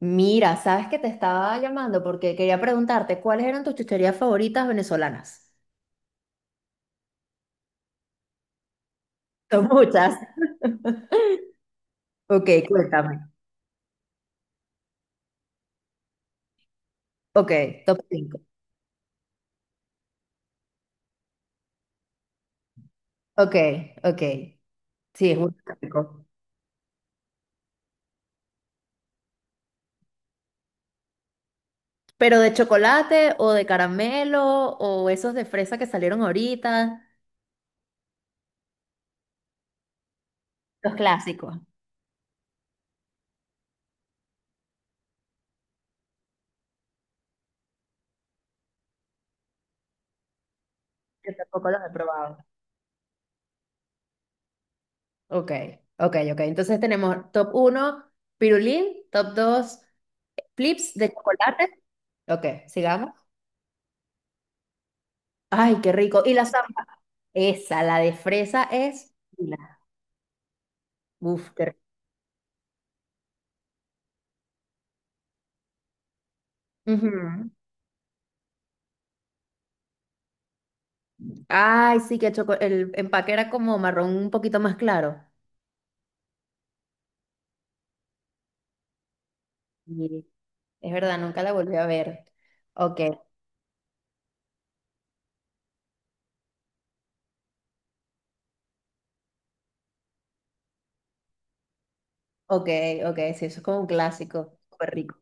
Mira, sabes que te estaba llamando porque quería preguntarte cuáles eran tus chucherías favoritas venezolanas. Son muchas. Ok, cuéntame. Ok, top 5. Ok, ok. Sí, es un clásico. Pero de chocolate o de caramelo o esos de fresa que salieron ahorita, los clásicos. Yo tampoco los he probado. Ok, ok, ok. Entonces tenemos top uno pirulín, top 2 flips de chocolate. Ok, sigamos. Ay, qué rico. Y la zamba, esa, la de fresa es divina. Uf, qué rico. Ujú. Ay, sí, que el empaque era como marrón un poquito más claro. Sí. Es verdad, nunca la volví a ver. Ok, ok, ok, sí, eso es como un clásico, súper rico.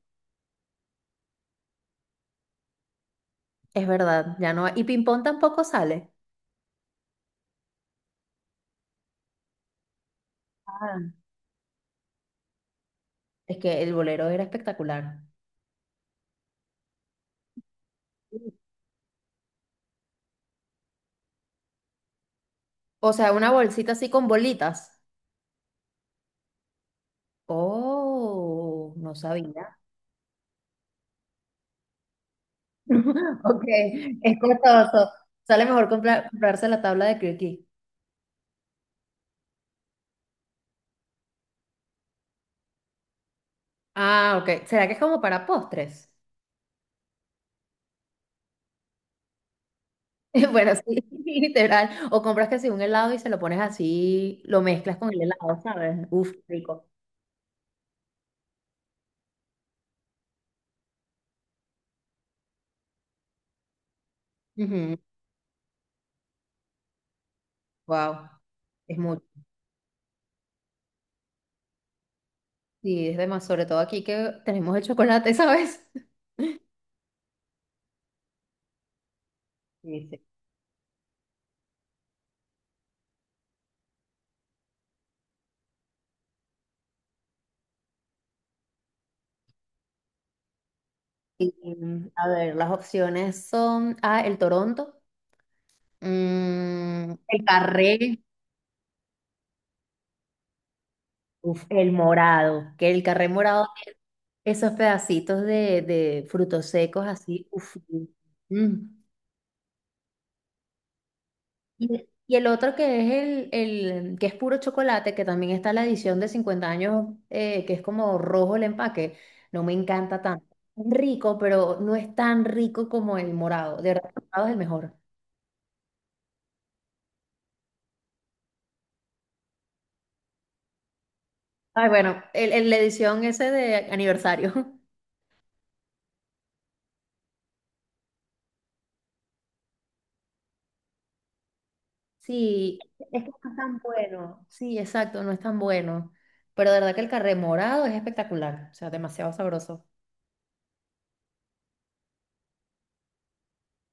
Es verdad, ya no. Y ping-pong tampoco sale. Ah. Es que el bolero era espectacular. O sea, una bolsita así con bolitas. Oh, no sabía. Ok, es costoso. Sale mejor comprarse la tabla de croquis. Ah, ok. ¿Será que es como para postres? Bueno, sí, literal. O compras que si un helado y se lo pones así, lo mezclas con el helado, ¿sabes? Uf, rico. Wow, es mucho. Sí, es demás, sobre todo aquí que tenemos el chocolate, ¿sabes? Sí, sí. Y, mm, a ver, las opciones son, ah, el Toronto, mm, el carré, uf, el morado, que el carré morado, esos pedacitos de frutos secos así. Uf, mm. Mm. Y el otro que es el que es puro chocolate, que también está la edición de 50 años, que es como rojo el empaque, no me encanta tanto. Rico, pero no es tan rico como el morado. De verdad, el morado es el mejor. Ay, bueno, la edición ese de aniversario. Sí, es que no es tan bueno. Sí, exacto, no es tan bueno. Pero de verdad que el carré morado es espectacular, o sea, demasiado sabroso.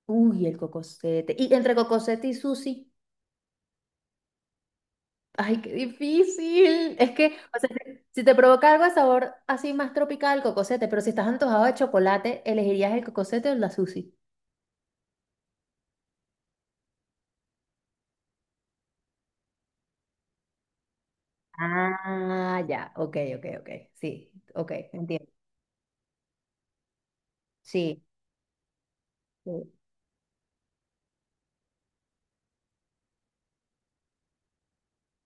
Uy, el cocosete. Y entre cocosete y sushi. Ay, qué difícil. Es que, o sea, si te provoca algo de sabor así más tropical, cocosete, pero si estás antojado de chocolate, ¿elegirías el cocosete o la sushi? Ah, ya, ok, ok, ok. Sí, ok, entiendo. Sí. Sí.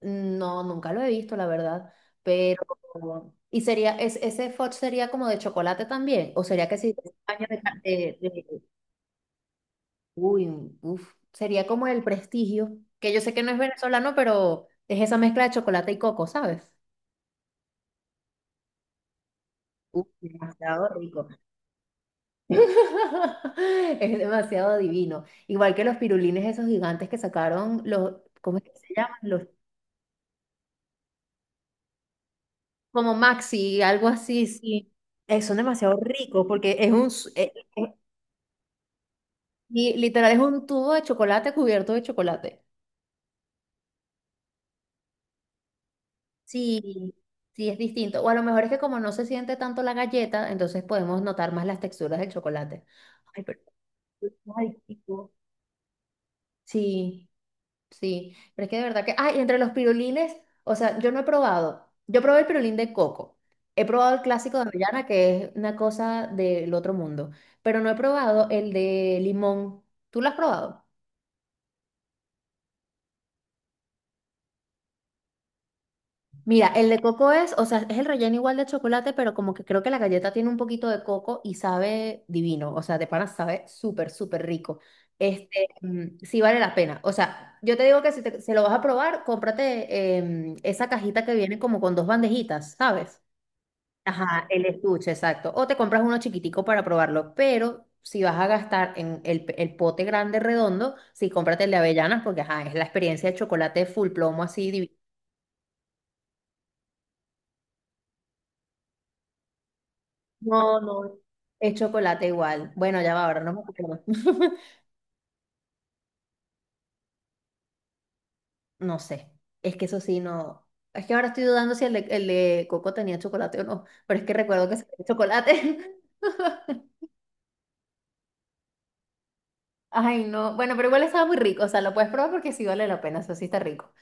No, nunca lo he visto, la verdad. Pero, ¿y sería, es, ese fudge sería como de chocolate también? ¿O sería que sí, de, caña de, Uy, uf, sería como el prestigio, que yo sé que no es venezolano, pero es esa mezcla de chocolate y coco, ¿sabes? Uf, demasiado rico. Es demasiado divino. Igual que los pirulines esos gigantes que sacaron los, ¿cómo es que se llaman? Los, como Maxi, algo así, sí. Son demasiado ricos porque es un, eh, y literal es un tubo de chocolate cubierto de chocolate. Sí, sí, es distinto. O a lo mejor es que como no se siente tanto la galleta, entonces podemos notar más las texturas del chocolate. Ay, pero, ay, chico. Sí, sí. Pero es que de verdad que, ay, entre los pirulines, o sea, yo no he probado. Yo probé el pirulín de coco. He probado el clásico de avellana, que es una cosa del otro mundo. Pero no he probado el de limón. ¿Tú lo has probado? Mira, el de coco es, o sea, es el relleno igual de chocolate, pero como que creo que la galleta tiene un poquito de coco y sabe divino, o sea, de pana sabe súper, súper rico. Este, mm, sí vale la pena. O sea, yo te digo que si se lo vas a probar, cómprate esa cajita que viene como con dos bandejitas, ¿sabes? Ajá, el estuche, exacto. O te compras uno chiquitico para probarlo, pero si vas a gastar en el, el pote grande redondo, sí cómprate el de avellanas porque, ajá, es la experiencia de chocolate full plomo así divino. No, no. Es chocolate igual. Bueno, ya va, ahora no me acuerdo. No sé. Es que eso sí, no. Es que ahora estoy dudando si el de coco tenía chocolate o no. Pero es que recuerdo que sí tenía chocolate. Ay, no. Bueno, pero igual estaba muy rico. O sea, lo puedes probar porque sí vale la pena. Eso sí está rico.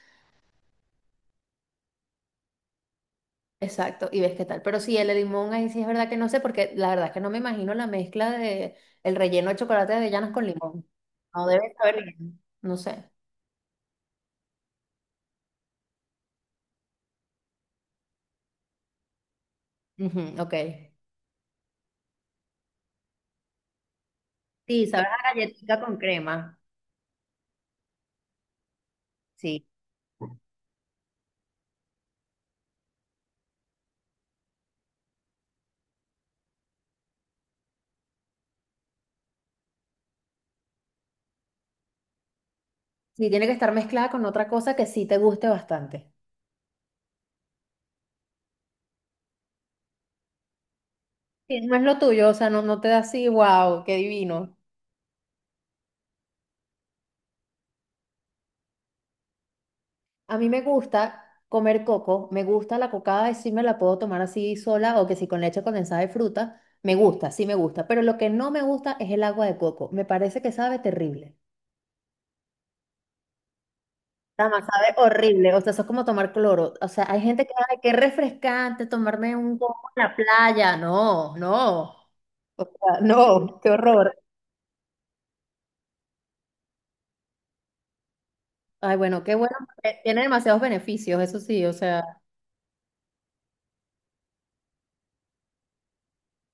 Exacto. Y ves qué tal. Pero sí, el de limón, ahí sí es verdad que no sé, porque la verdad es que no me imagino la mezcla de el relleno de chocolate de avellanas con limón. No debe saber bien. No sé. Ujú, ok. Sí, sabes a galletita con crema. Sí. Sí, tiene que estar mezclada con otra cosa que sí te guste bastante. Sí, no es lo tuyo, o sea, no, no te da así, wow, qué divino. A mí me gusta comer coco, me gusta la cocada y sí me la puedo tomar así sola o que si con leche condensada de fruta, me gusta, sí me gusta, pero lo que no me gusta es el agua de coco, me parece que sabe terrible. Tama, sabe horrible, o sea, eso es como tomar cloro, o sea, hay gente que, ay, qué refrescante tomarme un coco en la playa, no, no, o sea, no, qué horror. Ay, bueno, qué bueno. Tiene demasiados beneficios, eso sí, o sea.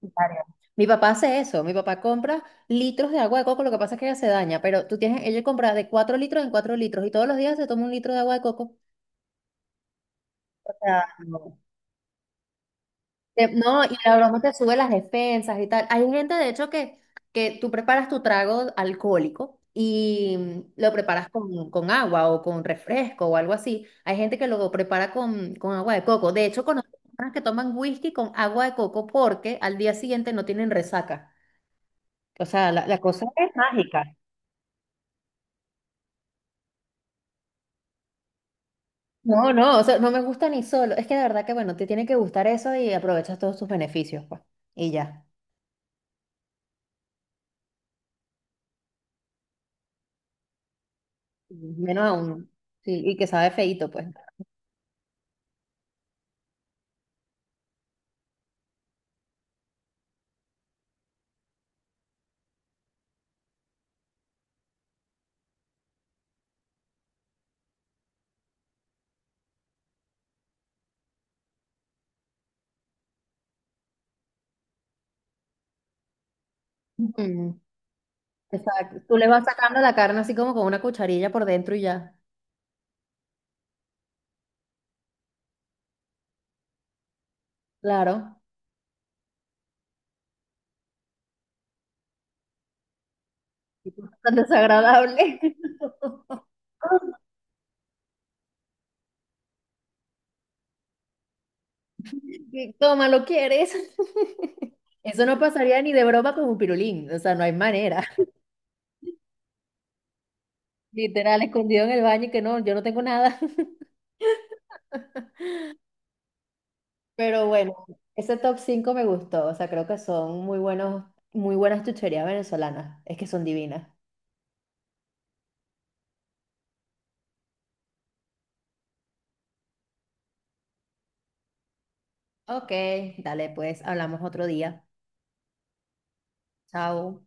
Varios. Mi papá hace eso, mi papá compra litros de agua de coco, lo que pasa es que ella se daña, pero tú tienes, ella compra de 4 litros en 4 litros y todos los días se toma un litro de agua de coco. O sea, no. No, y la broma te sube las defensas y tal. Hay gente, de hecho, que, tú preparas tu trago alcohólico y lo preparas con agua o con refresco o algo así. Hay gente que lo prepara con agua de coco. De hecho, conozco personas que toman whisky con agua de coco porque al día siguiente no tienen resaca. O sea, la cosa es mágica. No, no, o sea, no me gusta ni solo. Es que de verdad que, bueno, te tiene que gustar eso y aprovechas todos sus beneficios, pues. Y ya. Menos aún. Sí, y que sabe feíto, pues. Ujú. Exacto. Tú le vas sacando la carne así como con una cucharilla por dentro y ya. Claro. Es tan desagradable. Toma, ¿lo quieres? Eso no pasaría ni de broma con un pirulín. O sea, no hay manera. Literal, escondido en el baño y que no, yo no tengo nada. Pero bueno, ese top 5 me gustó. O sea, creo que son muy buenos, muy buenas chucherías venezolanas. Es que son divinas. Ok, dale, pues hablamos otro día. Chao.